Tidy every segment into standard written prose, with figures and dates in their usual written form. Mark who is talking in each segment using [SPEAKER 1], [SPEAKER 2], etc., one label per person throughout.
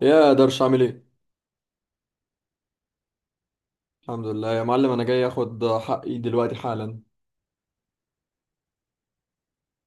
[SPEAKER 1] يا درش، عامل ايه؟ الحمد لله يا معلم، انا جاي اخد حقي دلوقتي حالا.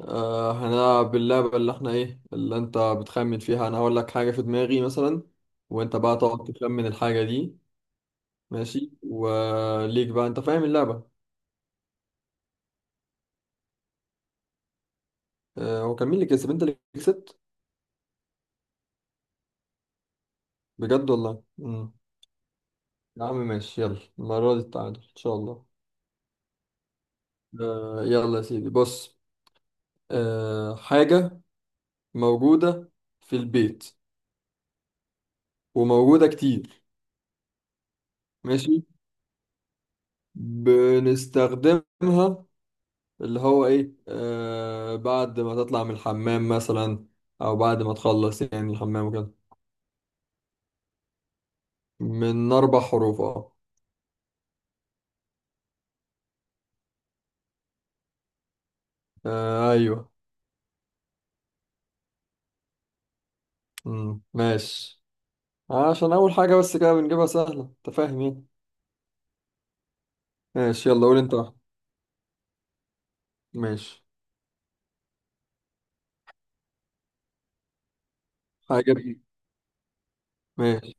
[SPEAKER 1] أه، هنلعب اللعبة اللي احنا ايه اللي انت بتخمن فيها. انا هقول لك حاجة في دماغي مثلا، وانت بقى تقعد تخمن الحاجة دي. ماشي، وليك بقى، انت فاهم اللعبة. أه، هو كان مين اللي كسب؟ انت اللي كسبت؟ بجد والله. مم. يا عم ماشي، يلا المرة دي التعادل ان شاء الله. أه يلا يا سيدي، بص. أه، حاجة موجودة في البيت، وموجودة كتير. ماشي، بنستخدمها. اللي هو ايه، بعد ما تطلع من الحمام مثلا، او بعد ما تخلص يعني الحمام وكده. من اربع حروف، اه. آه، ايوه. مم. ماشي. عشان اول حاجة بس كده بنجيبها سهلة، انت فاهم يعني. ماشي، يلا قول انت واحدة. ماشي. حاجة ب- ماشي.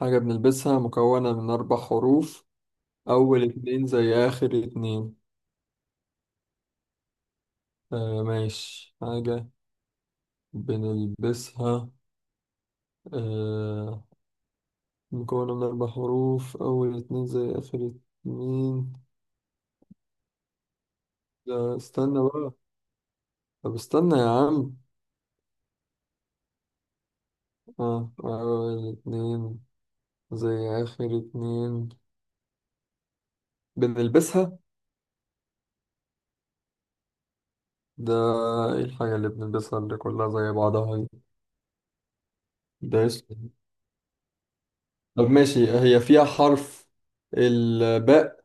[SPEAKER 1] حاجة بنلبسها مكونة من اربع حروف، اول اتنين زي اخر اتنين. آه ماشي. حاجة بنلبسها، آه مكونة من أربع حروف، أول اتنين زي آخر اتنين. لا استنى بقى. طب استنى يا عم. آه، أول اتنين زي آخر اتنين، بنلبسها. ده إيه الحاجة اللي بنلبسها اللي كلها زي بعضها دي؟ ده اسم. طب ماشي، هي فيها حرف الباء.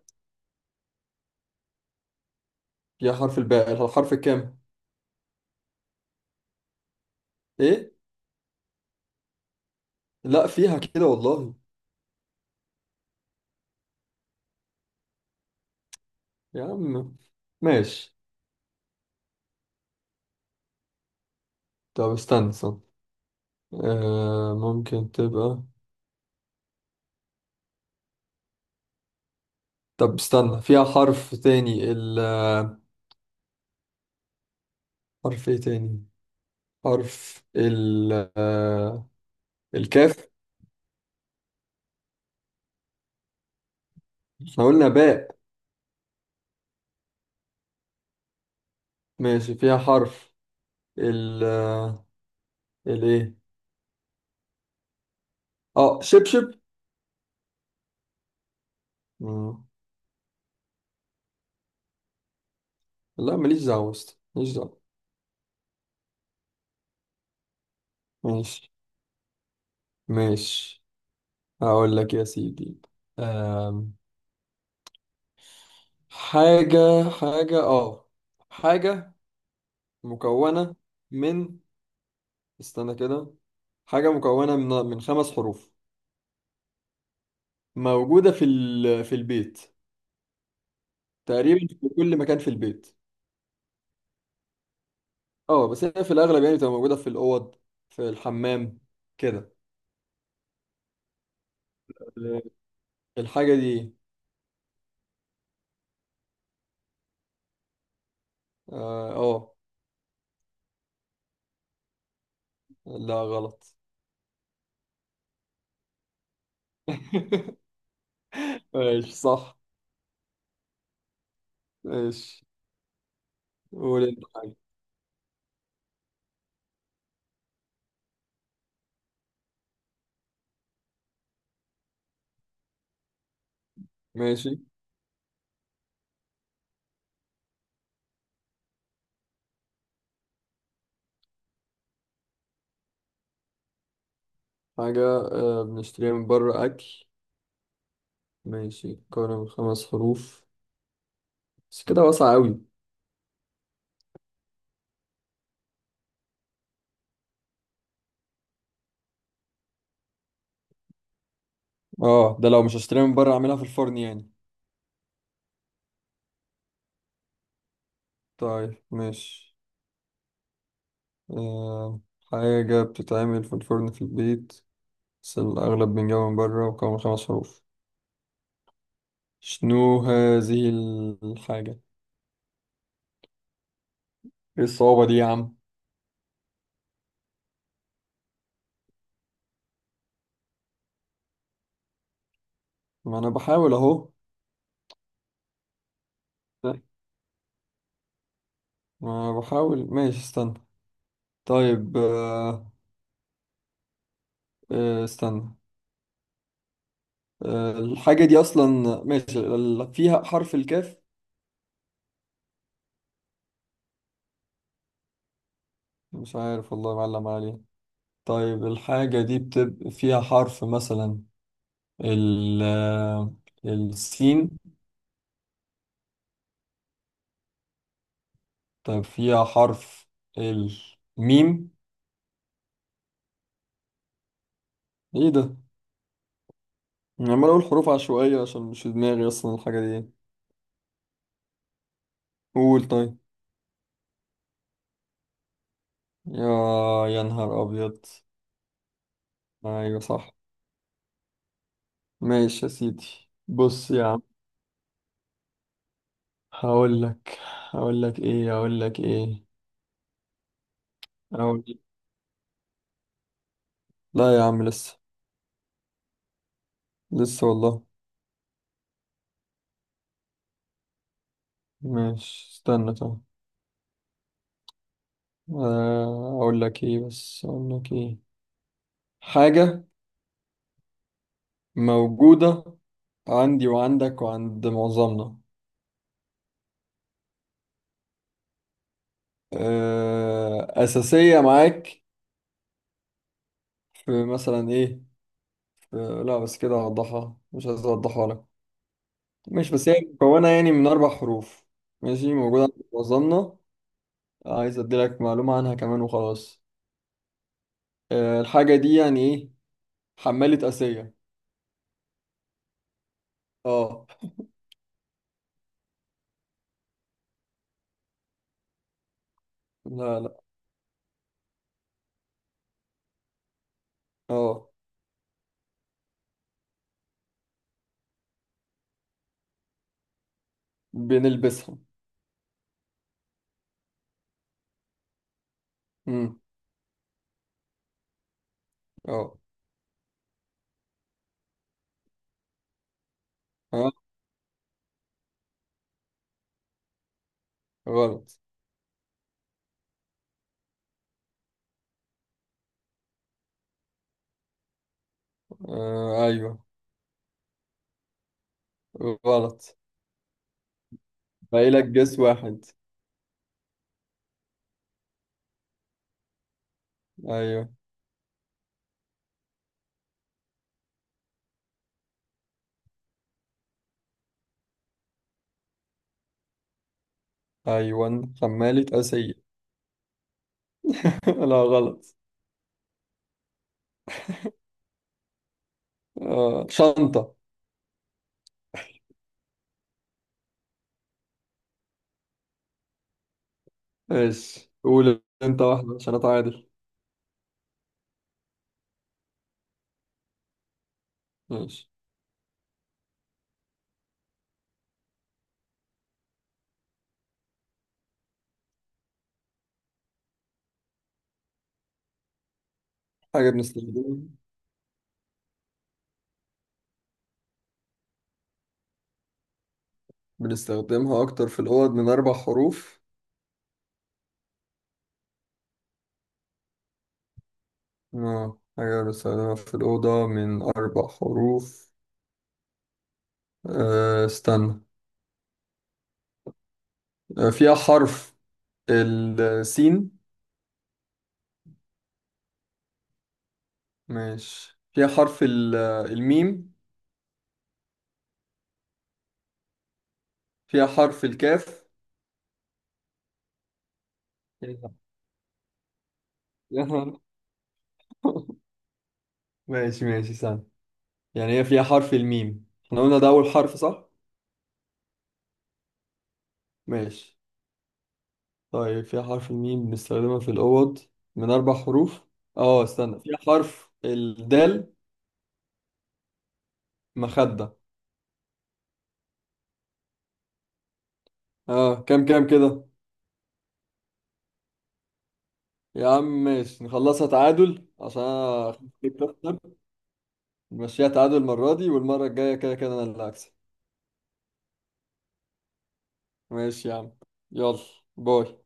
[SPEAKER 1] فيها حرف الباء، الحرف الكام؟ إيه؟ لا، فيها كده والله. يا عم ماشي. طب استنى. آه، ممكن تبقى. طب استنى، فيها حرف تاني، ال- حرف ايه تاني؟ حرف ال- آه، الكاف. احنا قلنا باء. ماشي، فيها حرف ال- الايه؟ اه، شبشب. مم. لا ماليش دعوة يا اسطى، ماليش دعوة. ماشي ماشي. هقول لك يا سيدي. آم، حاجة حاجة اه، حاجة مكونة من- استنى كده. حاجة مكونة من خمس حروف، موجودة في البيت. تقريبا في كل مكان في البيت. اه، بس هي في الأغلب يعني بتبقى موجودة في الأوض، في الحمام كده. آه، الحاجة دي. اه. لا غلط. ماشي صح. ماشي، قول انت حاجة. ماشي. حاجة بنشتريها من بره، أكل. ماشي، مكونة من خمس حروف. بس كده واسعة أوي. اه، ده لو مش هشتريها من بره أعملها في الفرن يعني. طيب ماشي. آه، حاجة بتتعمل في الفرن في البيت، بس الأغلب بنجاوب من بره، وكمان من خمس حروف. شنو هذه الحاجة؟ إيه الصعوبة دي يا عم؟ ما أنا بحاول أهو. ما أنا بحاول ماشي استنى. طيب، استنى. آه، الحاجة دي أصلا، ماشي، فيها حرف الكاف؟ مش عارف والله، معلم عليه. طيب، الحاجة دي بتبقى فيها حرف مثلا ال- السين؟ طيب فيها حرف الميم؟ إيه ده؟ انا عمال اقول حروف عشوائية عشان مش في دماغي اصلا الحاجة دي. قول طيب. يا يا نهار ابيض. ايوه صح. ماشي يا سيدي، بص يا عم. هقول لك. هقول لك ايه. هقول لك. لا يا عم لسه، والله. ماشي استنى. طيب، اقول لك ايه؟ حاجة موجودة عندي وعندك وعند معظمنا. أساسية معاك في مثلا إيه. لا بس كده هوضحها، مش عايز اوضحها لك. ماشي، بس هي مكونة يعني من اربع حروف. ماشي، موجودة عند وظنة. عايز ادي لك معلومة عنها كمان وخلاص. آه، الحاجة دي يعني ايه. حمالة آسية. اه. لا. اه، بنلبسها. امم. اه. اه غلط. آه ايوه. غلط. باقي لك جس واحد. ايوه، ايوه حمالة آسية. لا غلط. آه، شنطة. ايش، قول انت واحدة عشان اتعادل. ماشي. حاجة بنستخدمها أكتر في الأوض، من أربع حروف. آه، حاجة بنستخدمها في الأوضة من أربع حروف. آه استنى. آه، فيها حرف السين؟ ماشي، فيها حرف الميم؟ فيها حرف الكاف؟ يا نهار. ماشي استنى. يعني هي فيها حرف الميم، احنا قلنا ده أول حرف صح؟ ماشي. طيب، في حرف الميم، بنستخدمها في الأوض من أربع حروف. اه استنى، في حرف الدال. مخدة. اه. كام كده. يا عم ماشي، نخلصها تعادل عشان أنا أخاف إنك تخسر. نمشيها تعادل المرة دي، والمرة الجاية كده كده أنا اللي هكسب. ماشي يا عم. يلا. باي.